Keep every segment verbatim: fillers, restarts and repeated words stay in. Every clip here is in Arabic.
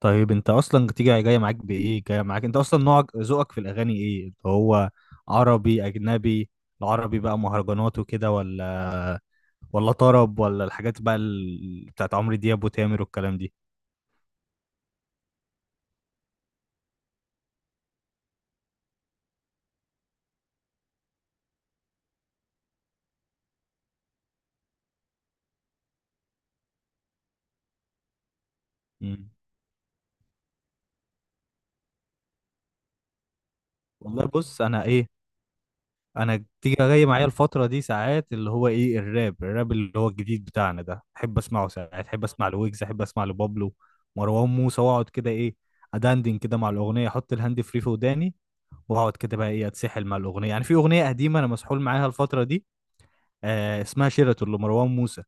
طيب انت اصلا تيجي جاي معاك بايه، جاي معاك انت اصلا نوعك ذوقك في الاغاني ايه اللي هو، عربي اجنبي؟ العربي بقى مهرجانات وكده، ولا ولا طرب، ولا الحاجات بقى ال... بتاعت عمرو دياب وتامر والكلام دي؟ مم. والله بص، انا ايه، انا تيجي جاي معايا الفتره دي ساعات اللي هو ايه، الراب الراب اللي هو الجديد بتاعنا ده، احب اسمعه. ساعات احب اسمع لويجز، احب اسمع لبابلو مروان موسى، واقعد كده ايه، ادندن كده مع الاغنيه، احط الهاند فري في وداني، واقعد كده بقى ايه، اتسحل مع الاغنيه. يعني في اغنيه قديمه انا مسحول معاها الفتره دي، آه اسمها شيراتون لمروان موسى.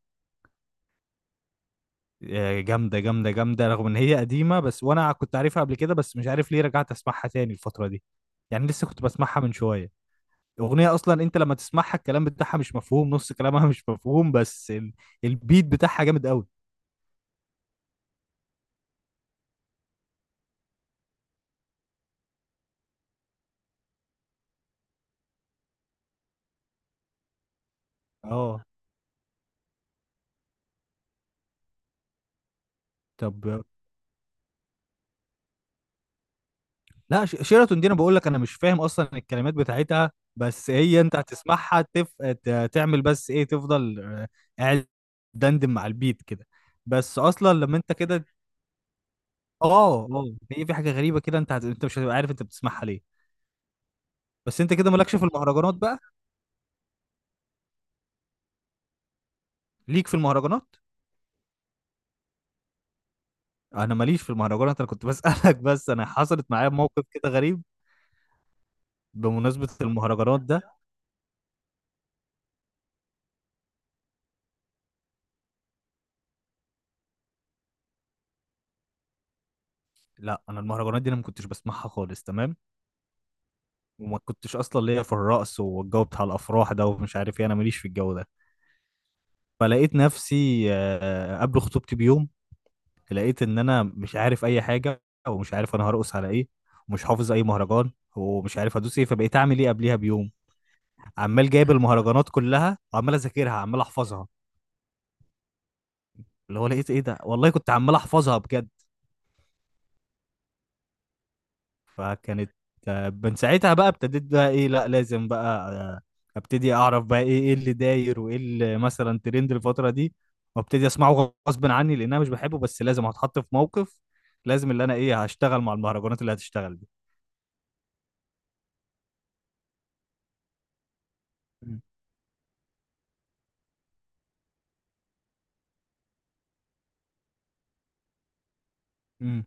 آه جامده جامده جامده، رغم ان هي قديمه، بس وانا كنت عارفها قبل كده، بس مش عارف ليه رجعت اسمعها تاني الفتره دي، يعني لسه كنت بسمعها من شويه. اغنيه اصلا انت لما تسمعها الكلام بتاعها مش مفهوم، نص كلامها مش مفهوم، بس ال- البيت بتاعها جامد قوي. اه طب لا، ش- شيراتون دي انا بقول لك، انا مش فاهم اصلا الكلمات بتاعتها، بس هي انت هتسمعها تف... ت- تعمل بس ايه، تفضل آه، قاعد، دندن مع البيت كده، بس اصلا لما انت كده. اه اه، هي في حاجه غريبه كده، انت هت... انت مش هتبقى عارف انت بتسمعها ليه. بس انت كده مالكش في المهرجانات بقى. ليك في المهرجانات؟ انا ماليش في المهرجانات، انا كنت بسالك بس، انا حصلت معايا موقف كده غريب بمناسبه المهرجانات ده. لا، انا المهرجانات دي انا ما كنتش بسمعها خالص، تمام؟ وما كنتش اصلا ليا في الرقص والجو بتاع الافراح ده ومش عارف ايه، انا ماليش في الجو ده. فلقيت نفسي آه، قبل خطوبتي بيوم، لقيت ان انا مش عارف اي حاجه، ومش عارف انا هرقص على ايه، ومش حافظ اي مهرجان، ومش عارف ادوس ايه، فبقيت اعمل ايه قبليها بيوم، عمال جايب المهرجانات كلها، وعمال اذاكرها، عمال احفظها. اللي هو لقيت ايه ده، والله كنت عمال احفظها بجد، فكانت آه، من ساعتها بقى ابتديت بقى ايه، لا لازم بقى آه، ابتدي اعرف بقى ايه، ايه اللي داير، وايه اللي مثلا ترند الفترة دي، وابتدي اسمعه غصب عني لان انا مش بحبه، بس لازم، هتحط في موقف، لازم اللي انا ايه هشتغل مع المهرجانات اللي هتشتغل دي. مم. مم.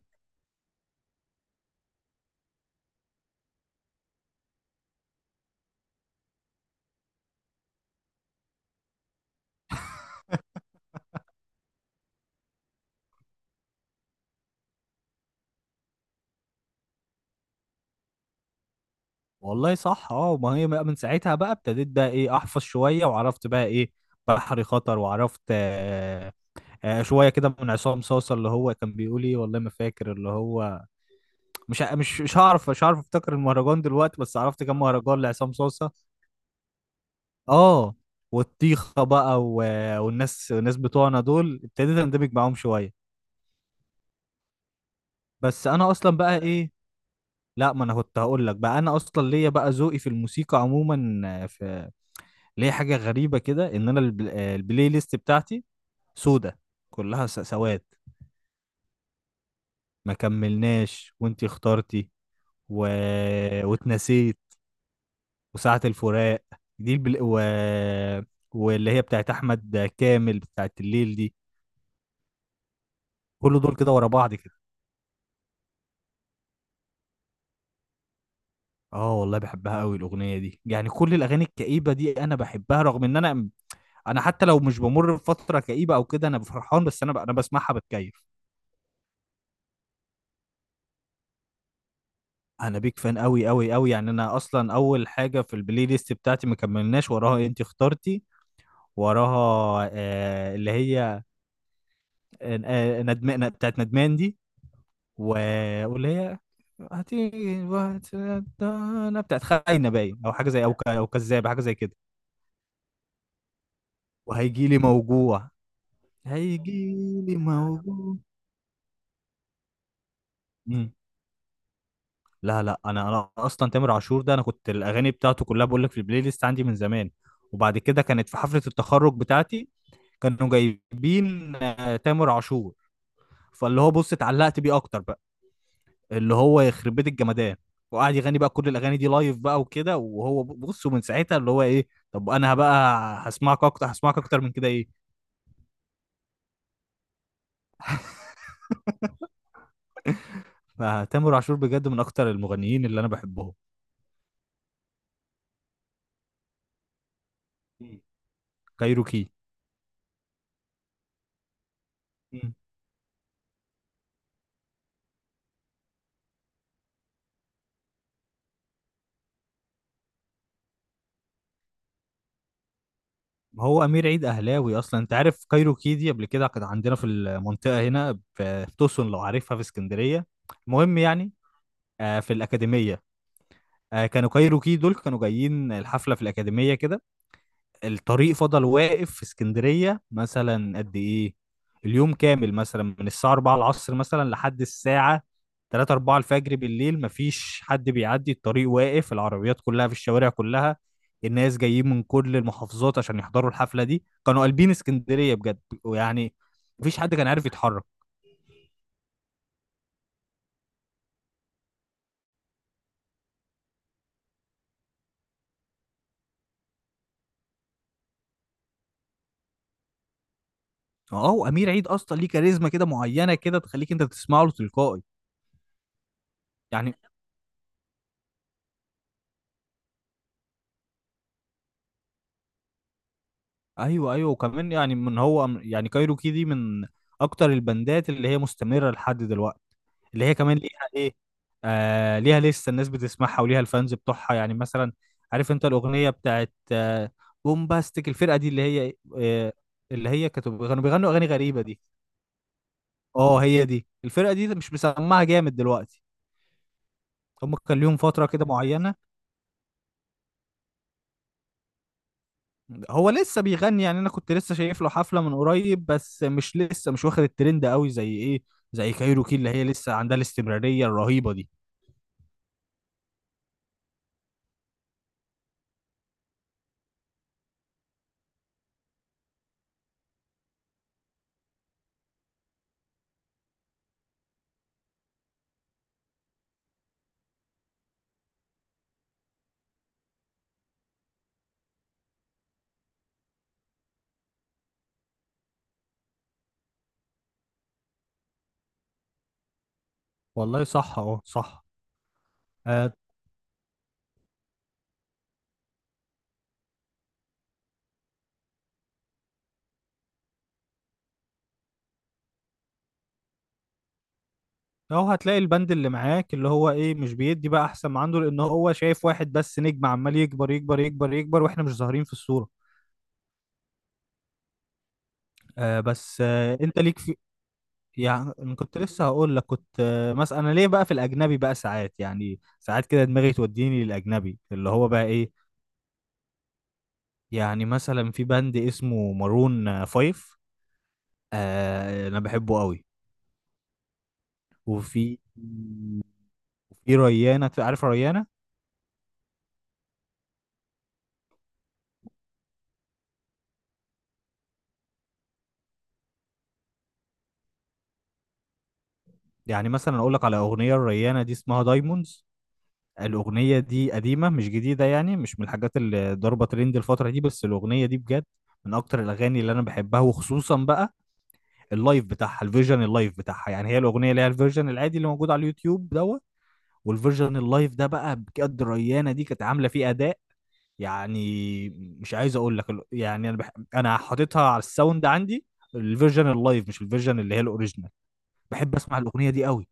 والله صح، اه، ما هي بقى من ساعتها بقى ابتديت بقى ايه احفظ شوية، وعرفت بقى ايه، بحري خطر، وعرفت آه، آه شوية كده من عصام صاصة اللي هو كان بيقول ايه، والله ما فاكر اللي هو، مش ه- مش مش هعرف مش هعرف افتكر المهرجان دلوقتي، بس عرفت كم مهرجان لعصام صوصه. اه، والطيخه بقى و... والناس، الناس بتوعنا دول ابتديت اندمج معاهم شويه. بس انا اصلا بقى ايه، لا، ما انا كنت هقول لك بقى، انا اصلا ليا بقى ذوقي في الموسيقى عموما آه، في ليا حاجه غريبه كده، ان انا البل... آه، البلاي ليست بتاعتي سودة، كلها س- سواد. ما كملناش وانتي اخترتي، و... واتنسيت، وساعة الفراق دي، البل... و... واللي هي بتاعت احمد كامل بتاعت الليل دي، كل دول كده ورا بعض كده. اه والله بحبها قوي الاغنيه دي، يعني كل الاغاني الكئيبه دي انا بحبها، رغم ان انا انا حتى لو مش بمر بفتره كئيبه او كده، انا فرحان، بس انا ب... انا بسمعها بتكيف. انا بيك فان قوي قوي قوي، يعني انا اصلا اول حاجه في البلاي ليست بتاعتي ما كملناش وراها انت اخترتي، وراها آه اللي هي، آه ندمان، بتاعت ندمان دي، و... واللي هي هتيجي وقت، انا بتاعت خاينه باين، او حاجه زي، او ك... او كذابه، حاجه زي كده. وهيجي لي موجوع، هيجي لي موجوع. مم. لا لا، انا انا اصلا تامر عاشور ده انا كنت الاغاني بتاعته كلها بقول لك في البلاي ليست عندي من زمان. وبعد كده كانت في حفله التخرج بتاعتي، كانوا جايبين آه، تامر عاشور، فاللي هو بص، اتعلقت بيه اكتر بقى. اللي هو يخرب بيت الجمدان، وقعد يغني بقى كل الاغاني دي لايف بقى وكده، وهو ب- بص، ومن ساعتها اللي هو ايه، طب انا بقى هسمعك اكتر، هسمعك اكتر من كده ايه. فتامر عاشور بجد من اكتر المغنيين اللي انا بحبهم. مم. كايروكي. مم. هو امير عيد اهلاوي اصلا، انت عارف كايروكي دي قبل كده كانت عندنا في المنطقه هنا في في توسون، لو عارفها في اسكندريه. المهم يعني، آه، في الاكاديميه، آه، كانوا كايروكي دول كانوا جايين الحفله في الاكاديميه كده، الطريق فضل واقف في اسكندرية مثلا قد ايه، اليوم كامل مثلا من الساعة أربعة العصر مثلا لحد الساعة تلاتة أربعة الفجر بالليل، مفيش حد بيعدي، الطريق واقف، العربيات كلها في الشوارع كلها. الناس جايين من كل المحافظات عشان يحضروا الحفلة دي، كانوا قلبين اسكندرية بجد، ويعني مفيش حد كان عارف يتحرك. اه، وامير عيد اصلا ليه كاريزما كده معينة، كده تخليك انت تسمع له تلقائي يعني. ايوه ايوه، وكمان يعني من هو، يعني كايروكي دي من اكتر البندات اللي هي مستمره لحد دلوقتي، اللي هي كمان ليها ايه، آه ليها لسه الناس بتسمعها، وليها الفانز بتوعها، يعني مثلا عارف انت الاغنيه بتاعت آه بومباستيك، الفرقه دي اللي هي آه اللي هي كانت كانوا بيغنوا اغاني غريبه دي. اه هي دي الفرقه دي، مش مسمعها جامد دلوقتي، هم كان ليهم فتره كده معينه، هو لسه بيغني يعني، انا كنت لسه شايف له حفله من قريب، بس مش لسه، مش واخد الترند قوي زي ايه، زي كايروكي، اللي هي لسه عندها الاستمراريه الرهيبه دي. والله صح اه صح. اه أهو هتلاقي البند اللي معاك اللي هو ايه مش بيدي بقى احسن ما عنده، لان هو شايف واحد بس نجم عمال يكبر يكبر يكبر يكبر، واحنا مش ظاهرين في الصوره. آه بس آه انت ليك في، يعني أنا كنت لسه هقول لك كنت آه مثلا، انا ليه بقى في الاجنبي بقى ساعات، يعني ساعات كده دماغي توديني للاجنبي اللي هو بقى ايه، يعني مثلا في باند اسمه مارون فايف. آه انا بحبه قوي. وفي في ريانة، عارف ريانة؟ يعني مثلا اقول لك على اغنية الريانة دي، اسمها دايموندز، الاغنية دي قديمة مش جديدة، يعني مش من الحاجات اللي ضربة ترند الفترة دي، بس الاغنية دي بجد من اكتر الاغاني اللي انا بحبها، وخصوصا بقى اللايف بتاعها، الفيرجن اللايف بتاعها، يعني هي الاغنية اللي هي الفيرجن العادي اللي موجود على اليوتيوب دوت، والفيرجن اللايف ده بقى بجد، ريانة دي كانت عاملة فيه اداء، يعني مش عايز اقول لك ال- يعني انا بح... انا حاططها على الساوند عندي، الفيرجن اللايف مش الفيرجن اللي هي الاوريجينال، بحب اسمع الاغنيه دي قوي.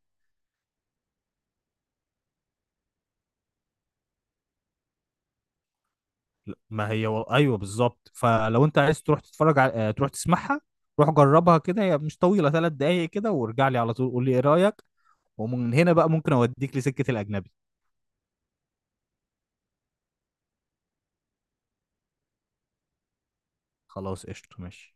ما هي و... ايوه بالظبط، فلو انت عايز تروح تتفرج على... آه، تروح تسمعها، روح جربها كده، هي مش طويله، ثلاث دقايق كده، وارجع لي على طول قول لي ايه رايك، ومن هنا بقى ممكن اوديك لسكه الاجنبي. خلاص قشطه ماشي.